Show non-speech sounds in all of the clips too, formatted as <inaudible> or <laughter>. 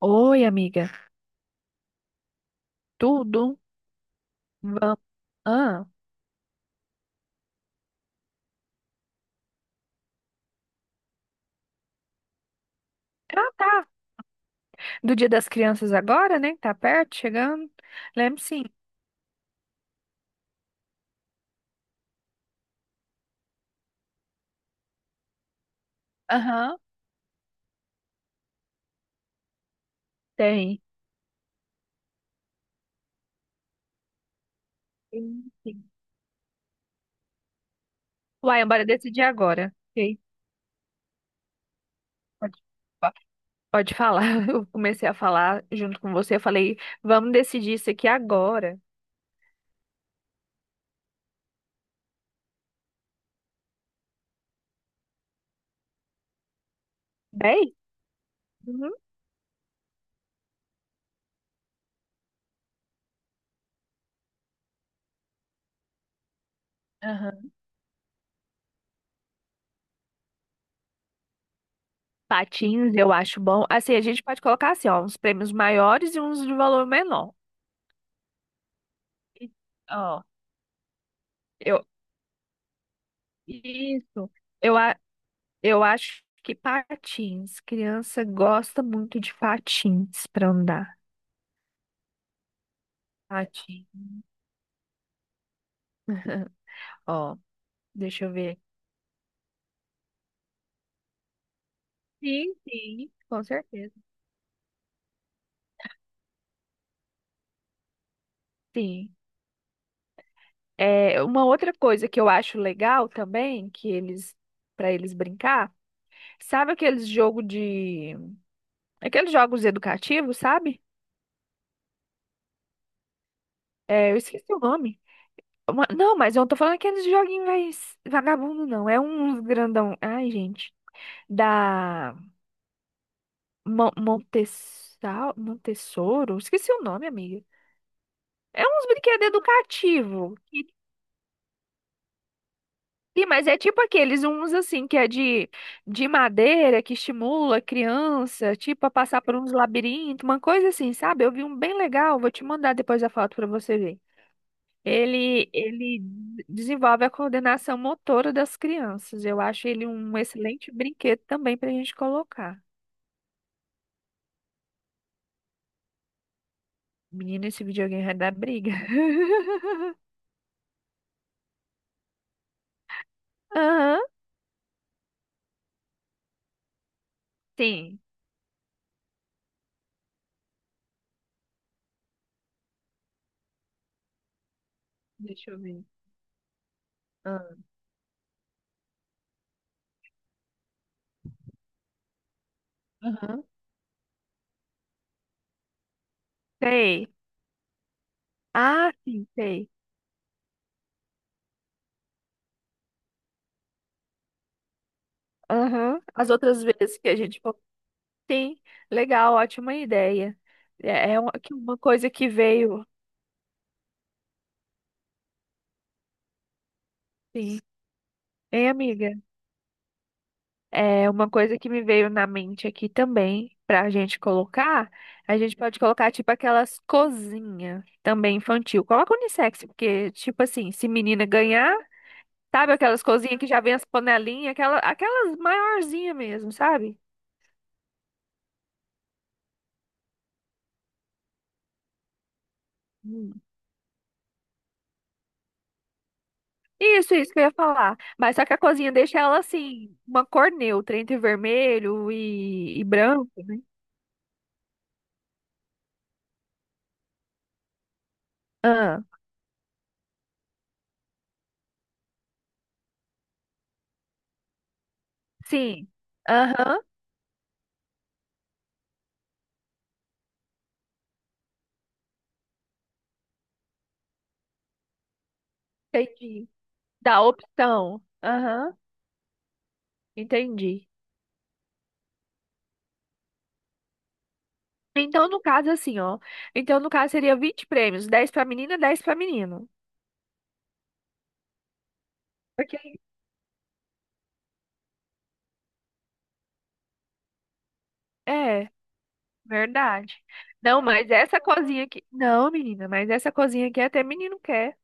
Oi, amiga. Tudo? Vamos. Ah, ah, tá. Do Dia das Crianças agora, né? Tá perto, chegando. Lembro sim. Aham, tem. Tem, sim. Uai, bora decidir agora. Ok. Pode, po- pode falar. <laughs> Eu comecei a falar junto com você. Eu falei, vamos decidir isso aqui agora. Bem? Uhum. Aham. Patins, eu acho bom. Assim, a gente pode colocar assim, ó, uns prêmios maiores e uns de valor menor. E- Ó, eu. Isso. Eu, a- Eu acho que patins. Criança gosta muito de patins para andar. Patins. <laughs> Ó, deixa eu ver. Sim, sim, com certeza. Sim. É, uma outra coisa que eu acho legal também, que eles para eles brincar, sabe aqueles jogos educativos, sabe? É, eu esqueci o nome. Não, mas eu não tô falando aqueles joguinhos mais vagabundo, não. É um grandão. Ai, gente. Da Montessa... Montessoro? Esqueci o nome, amiga. É uns brinquedos educativos. Sim, mas é tipo aqueles uns assim que é de madeira que estimula a criança, tipo, a passar por uns labirintos, uma coisa assim, sabe? Eu vi um bem legal, vou te mandar depois a foto para você ver. Desenvolve a coordenação motora das crianças. Eu acho ele um excelente brinquedo também pra gente colocar. Menino, esse videogame vai dar briga. <laughs> Aham, sim. Deixa eu ver. Ah, aham. Sei. Ah, sim, sei. Aham. As outras vezes que a gente falou, sim, legal, ótima ideia. É uma coisa que veio, sim. Hein, amiga? É uma coisa que me veio na mente aqui também, pra gente colocar. A gente pode colocar, tipo, aquelas cozinhas também infantil. Coloca unissex, porque, tipo assim, se menina ganhar, sabe aquelas cozinhas que já vem as panelinhas, aquelas maiorzinhas mesmo, sabe? Isso que eu ia falar. Mas só que a cozinha deixa ela assim, uma cor neutra entre vermelho e branco, né? Ah, sim. Aham, entendi. Dá opção. Aham, entendi. Então, no caso, assim, ó. Então, no caso, seria 20 prêmios, 10 pra menina, 10 pra menino. Porque é, verdade. Não, mas essa cozinha aqui. Não, menina, mas essa cozinha aqui até menino quer.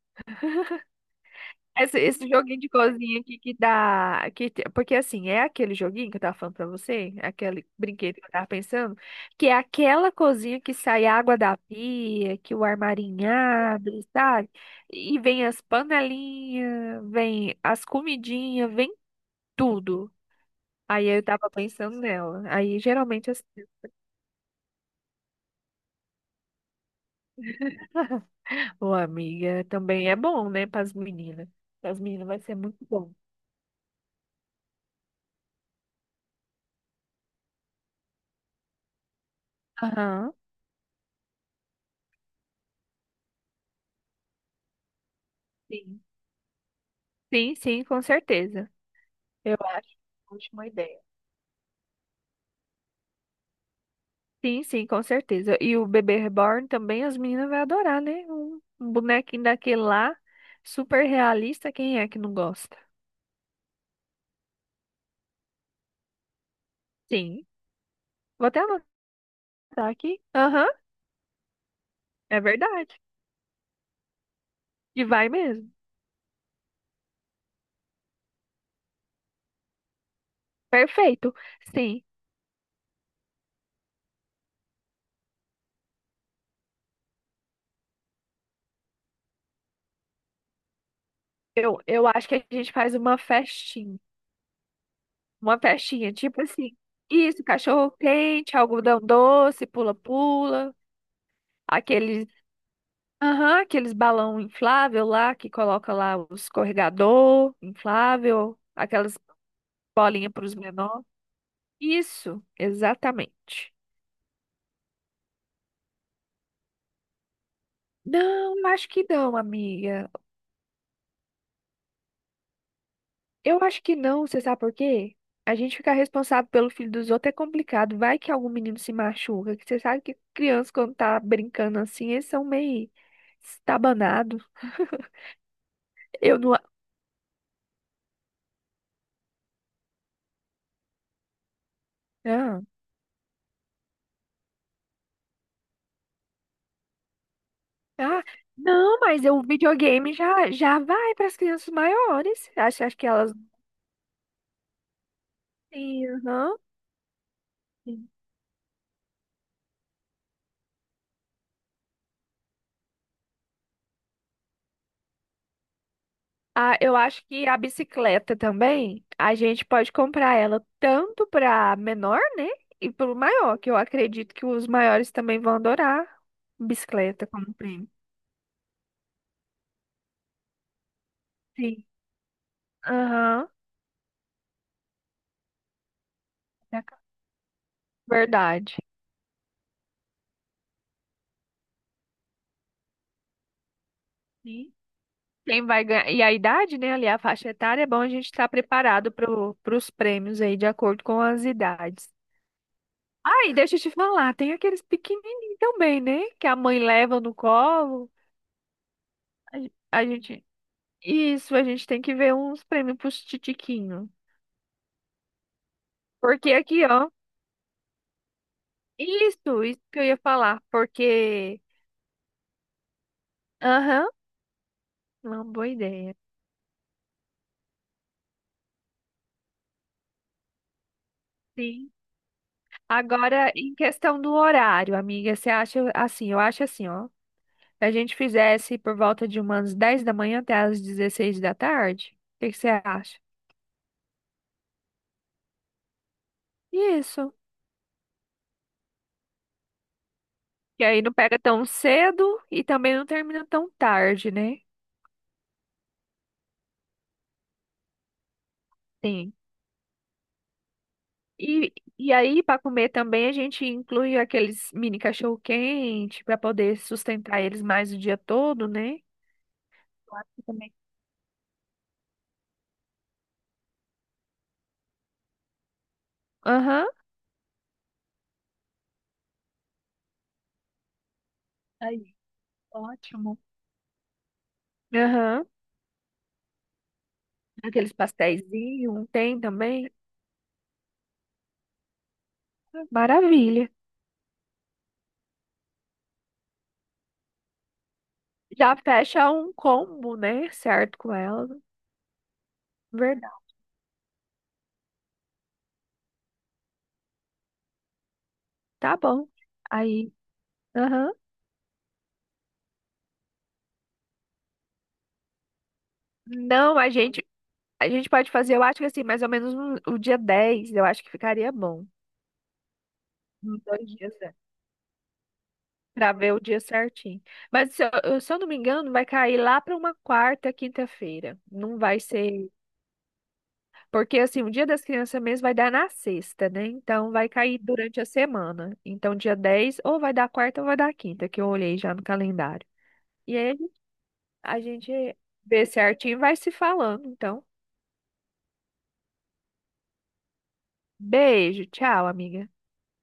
Esse joguinho de cozinha aqui que dá. Que, porque assim, é aquele joguinho que eu tava falando pra você, é aquele brinquedo que eu tava pensando, que é aquela cozinha que sai água da pia, que o armarinho abre, sabe? E vem as panelinhas, vem as comidinhas, vem tudo. Aí eu tava pensando nela. Aí geralmente assim, ô amiga, também é bom, né, pras meninas. Pras meninas vai ser muito bom. Aham. Sim, sim, sim, com certeza. Eu acho a última ideia. Sim, sim, com certeza. E o bebê reborn também as meninas vão adorar, né? Um bonequinho daquele lá, super realista, quem é que não gosta? Sim. Vou até anotar aqui. Aham, é verdade. E vai mesmo. Perfeito. Sim, eu acho que a gente faz uma festinha. Uma festinha, tipo assim. Isso, cachorro quente, algodão doce, pula-pula, aqueles aham, aqueles balão inflável lá que coloca lá o escorregador inflável, aquelas bolinhas para os menores. Isso, exatamente. Não, eu acho que não, amiga. Eu acho que não, você sabe por quê? A gente ficar responsável pelo filho dos outros é complicado. Vai que algum menino se machuca, que você sabe que criança quando tá brincando assim, eles são meio estabanados. <laughs> Eu não. Ah. Ah, não, mas o videogame já, já vai para as crianças maiores. Acho que elas. Sim, aham. Sim. Ah, eu acho que a bicicleta também, a gente pode comprar ela tanto para menor, né? E para o maior, que eu acredito que os maiores também vão adorar bicicleta como prêmio. Sim. Aham. Verdade. Sim. Quem vai ganhar. E a idade, né? Ali a faixa etária, é bom a gente estar preparado para os prêmios aí, de acordo com as idades. Ai, deixa eu te falar, tem aqueles pequenininhos também, né? Que a mãe leva no colo. A gente. Isso, a gente tem que ver uns prêmios pros titiquinhos. Porque aqui, ó. Isso que eu ia falar. Porque. Aham, uma boa ideia. Sim. Agora, em questão do horário, amiga, você acha assim? Eu acho assim, ó. Se a gente fizesse por volta de umas 10 da manhã até as 16 da tarde, o que que você acha? Isso. Que aí não pega tão cedo e também não termina tão tarde, né? Sim. E, e aí, para comer também, a gente inclui aqueles mini cachorro-quente para poder sustentar eles mais o dia todo, né? Claro que também. Aham, aí, ótimo. Aham. Aqueles pastéisinhos, tem também. Maravilha. Já fecha um combo, né? Certo com ela. Verdade. Tá bom. Aí, aham. Não, A gente pode fazer, eu acho que assim, mais ou menos um- o dia 10, eu acho que ficaria bom. Uns 2 dias, né? Pra ver o dia certinho. Mas se eu não me engano, vai cair lá pra uma quarta, quinta-feira. Não vai ser. Porque assim, o dia das crianças mesmo vai dar na sexta, né? Então vai cair durante a semana. Então dia 10 ou vai dar quarta ou vai dar quinta, que eu olhei já no calendário. E aí a gente vê certinho e vai se falando. Então, beijo, tchau, amiga.